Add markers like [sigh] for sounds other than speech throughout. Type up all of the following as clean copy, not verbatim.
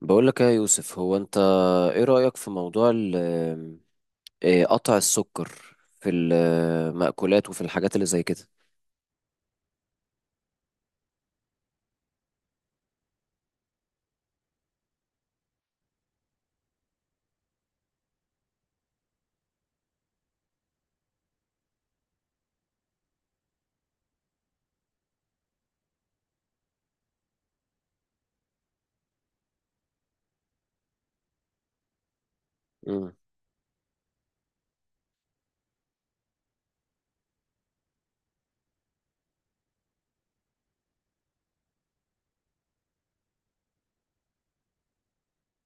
بقول لك يا يوسف، هو انت ايه رأيك في موضوع ال- إيه، قطع السكر في المأكولات وفي الحاجات اللي زي كده؟ امم.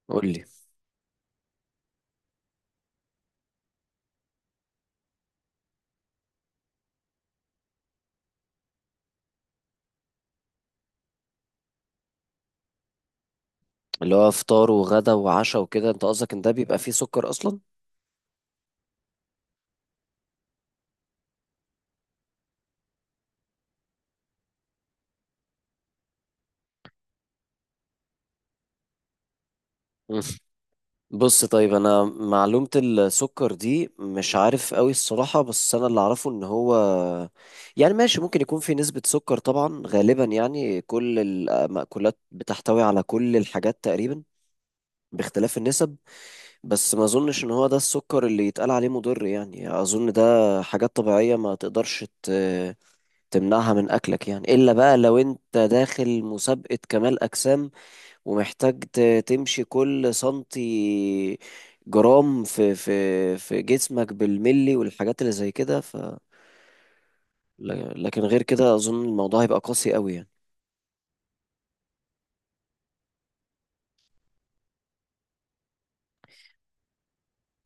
قول لي. اللي هو فطار وغدا وعشاء وكده، انت قصدك ان ده بيبقى فيه سكر اصلا؟ مم. بص طيب، انا معلومة السكر دي مش عارف قوي الصراحة، بس انا اللي اعرفه ان هو يعني ماشي، ممكن يكون في نسبة سكر طبعا، غالبا يعني كل المأكولات بتحتوي على كل الحاجات تقريبا باختلاف النسب. بس ما اظنش ان هو ده السكر اللي يتقال عليه مضر، يعني اظن ده حاجات طبيعية ما تقدرش تمنعها من اكلك، يعني الا بقى لو انت داخل مسابقة كمال اجسام ومحتاج تمشي كل سنتي جرام في في جسمك بالملي والحاجات اللي زي كده، ف لكن غير كده اظن الموضوع هيبقى قاسي قوي يعني.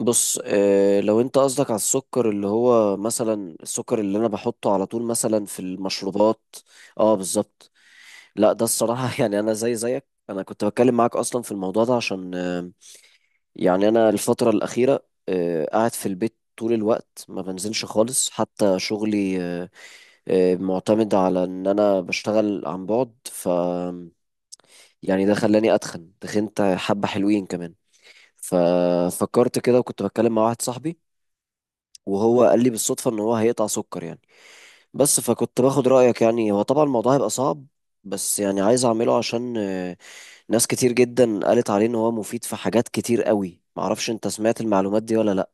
بص، لو انت قصدك على السكر اللي هو مثلا السكر اللي انا بحطه على طول مثلا في المشروبات، اه بالظبط. لا ده الصراحة [laughs] يعني أنا زي زيك، أنا كنت بتكلم معاك أصلا في الموضوع ده عشان يعني أنا الفترة الأخيرة قاعد في البيت طول الوقت، ما بنزلش خالص، حتى شغلي معتمد على إن أنا بشتغل عن بعد. ف يعني ده خلاني أتخن، تخنت حبة حلوين كمان. ففكرت كده وكنت بتكلم مع واحد صاحبي وهو قال لي بالصدفة إن هو هيقطع سكر يعني. بس فكنت باخد رأيك، يعني هو طبعا الموضوع هيبقى صعب، بس يعني عايز اعمله عشان ناس كتير جدا قالت عليه ان هو مفيد في حاجات كتير قوي. معرفش انت سمعت المعلومات دي ولا لا.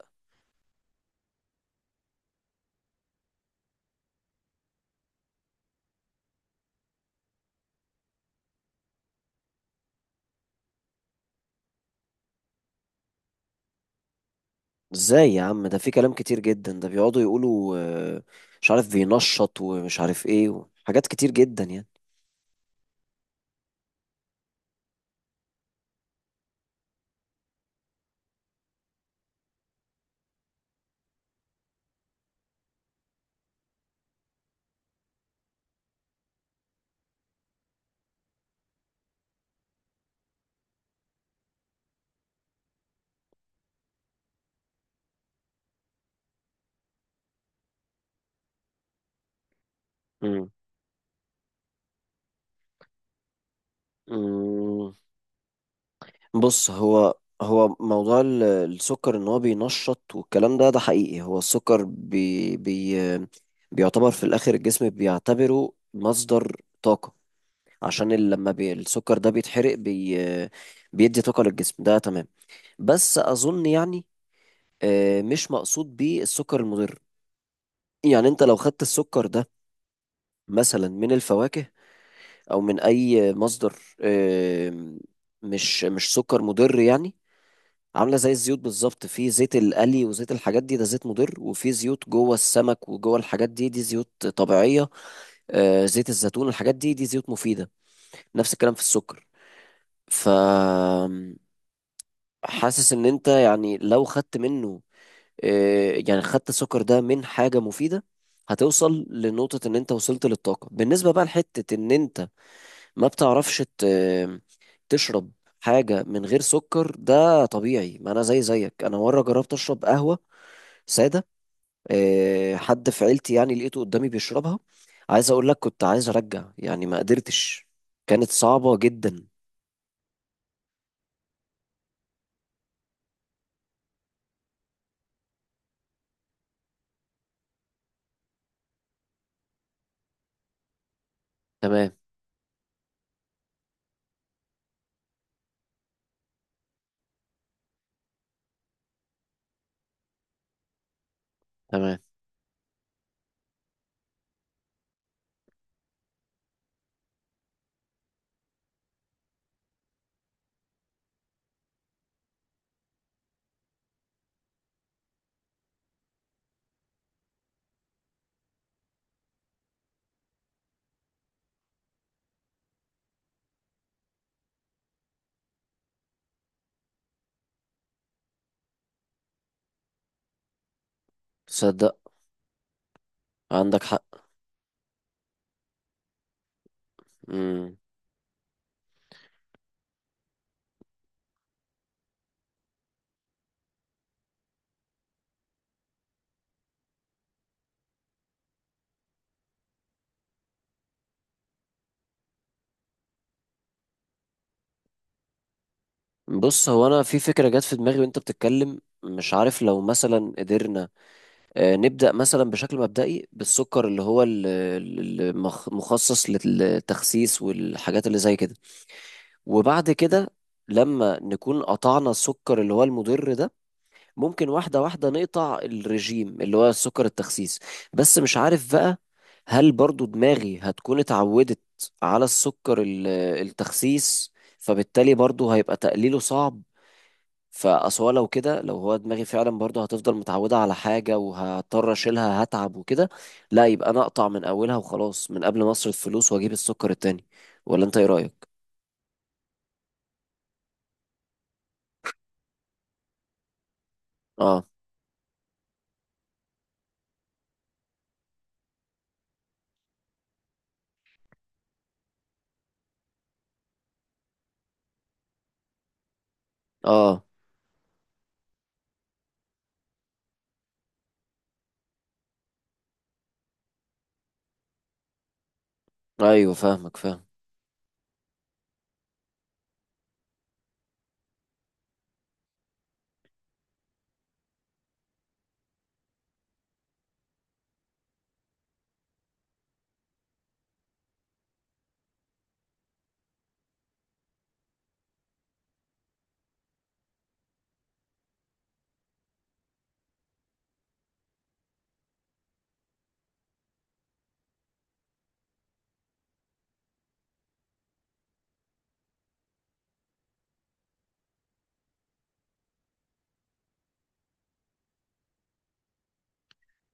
ازاي يا عم، ده في كلام كتير جدا، ده بيقعدوا يقولوا مش عارف بينشط ومش عارف ايه، حاجات كتير جدا يعني. مم. مم. بص، هو موضوع السكر ان هو بينشط والكلام ده ده حقيقي. هو السكر بي بي بيعتبر في الاخر، الجسم بيعتبره مصدر طاقة، عشان لما السكر ده بيتحرق بيدي طاقة للجسم، ده تمام. بس اظن يعني مش مقصود بيه السكر المضر، يعني انت لو خدت السكر ده مثلا من الفواكه او من اي مصدر، آه، مش سكر مضر يعني. عاملة زي الزيوت بالظبط، في زيت القلي وزيت الحاجات دي، ده زيت مضر، وفي زيوت جوه السمك وجوه الحاجات دي، دي زيوت طبيعية. زيت الزيتون الحاجات دي، دي زيوت مفيدة. نفس الكلام في السكر. ف حاسس ان انت يعني لو خدت منه يعني خدت السكر ده من حاجة مفيدة، هتوصل لنقطة ان انت وصلت للطاقة. بالنسبة بقى لحتة ان انت ما بتعرفش تشرب حاجة من غير سكر، ده طبيعي. ما انا زي زيك، انا مرة جربت اشرب قهوة سادة، حد في عيلتي يعني لقيته قدامي بيشربها. عايز اقول لك كنت عايز ارجع، يعني ما قدرتش، كانت صعبة جدا. تمام. تمام. تصدق عندك حق. مم. بص، هو انا في فكرة جت في دماغي وانت بتتكلم، مش عارف لو مثلا قدرنا نبدأ مثلا بشكل مبدئي بالسكر اللي هو المخصص للتخسيس والحاجات اللي زي كده، وبعد كده لما نكون قطعنا السكر اللي هو المضر ده، ممكن واحدة واحدة نقطع الرجيم اللي هو سكر التخسيس. بس مش عارف بقى، هل برضو دماغي هتكون اتعودت على السكر التخسيس؟ فبالتالي برضو هيبقى تقليله صعب. فأصل هو لو كده، لو هو دماغي فعلا برضو هتفضل متعودة على حاجة وهضطر أشيلها، هتعب وكده. لا، يبقى أنا أقطع من أولها وخلاص، من قبل ما أصرف فلوس وأجيب السكر التاني. ولا أنت إيه رأيك؟ آه. آه. أيوه فاهمك، فاهم.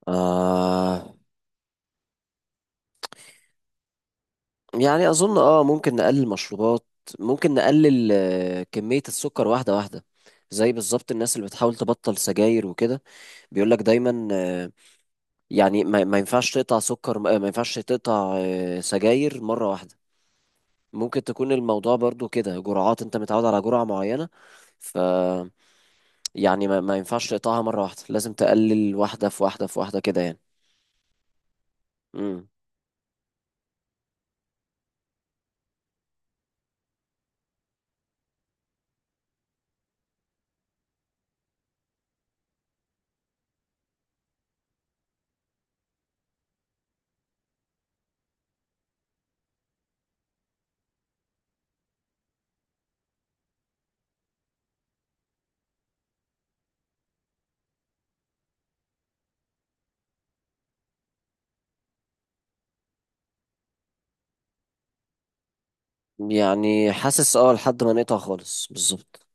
آه. يعني اظن اه ممكن نقلل مشروبات، ممكن نقلل كمية السكر واحدة واحدة. زي بالظبط الناس اللي بتحاول تبطل سجاير وكده، بيقولك دايما يعني ما ينفعش تقطع سكر، ما ينفعش تقطع سجاير مرة واحدة. ممكن تكون الموضوع برضو كده جرعات، انت متعود على جرعة معينة، ف يعني ما ينفعش تقطعها مرة واحدة، لازم تقلل واحدة في واحدة في واحدة كده يعني. امم. يعني حاسس اه لحد ما نقطع خالص بالظبط،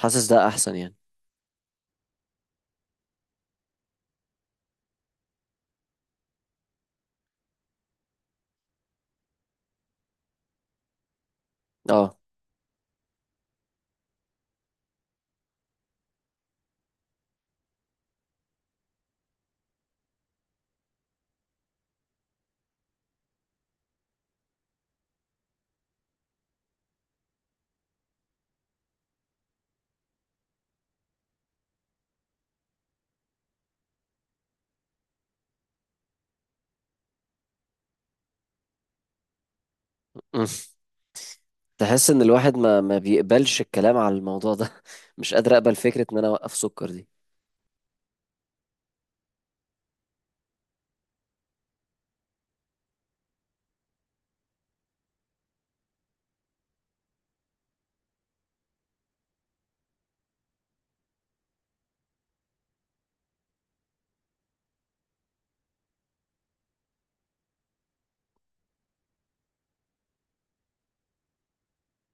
حاسس ده احسن يعني. اه. [laughs] تحس ان الواحد ما بيقبلش الكلام على الموضوع ده. [laughs] مش قادر اقبل فكرة ان انا اوقف سكر دي.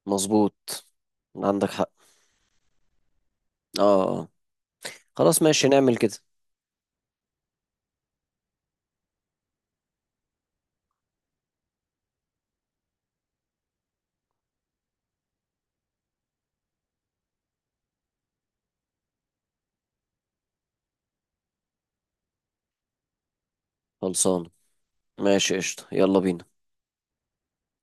مظبوط، عندك حق. اه. آه. خلاص ماشي نعمل كده. خلصان، ماشي قشطة، يلا بينا.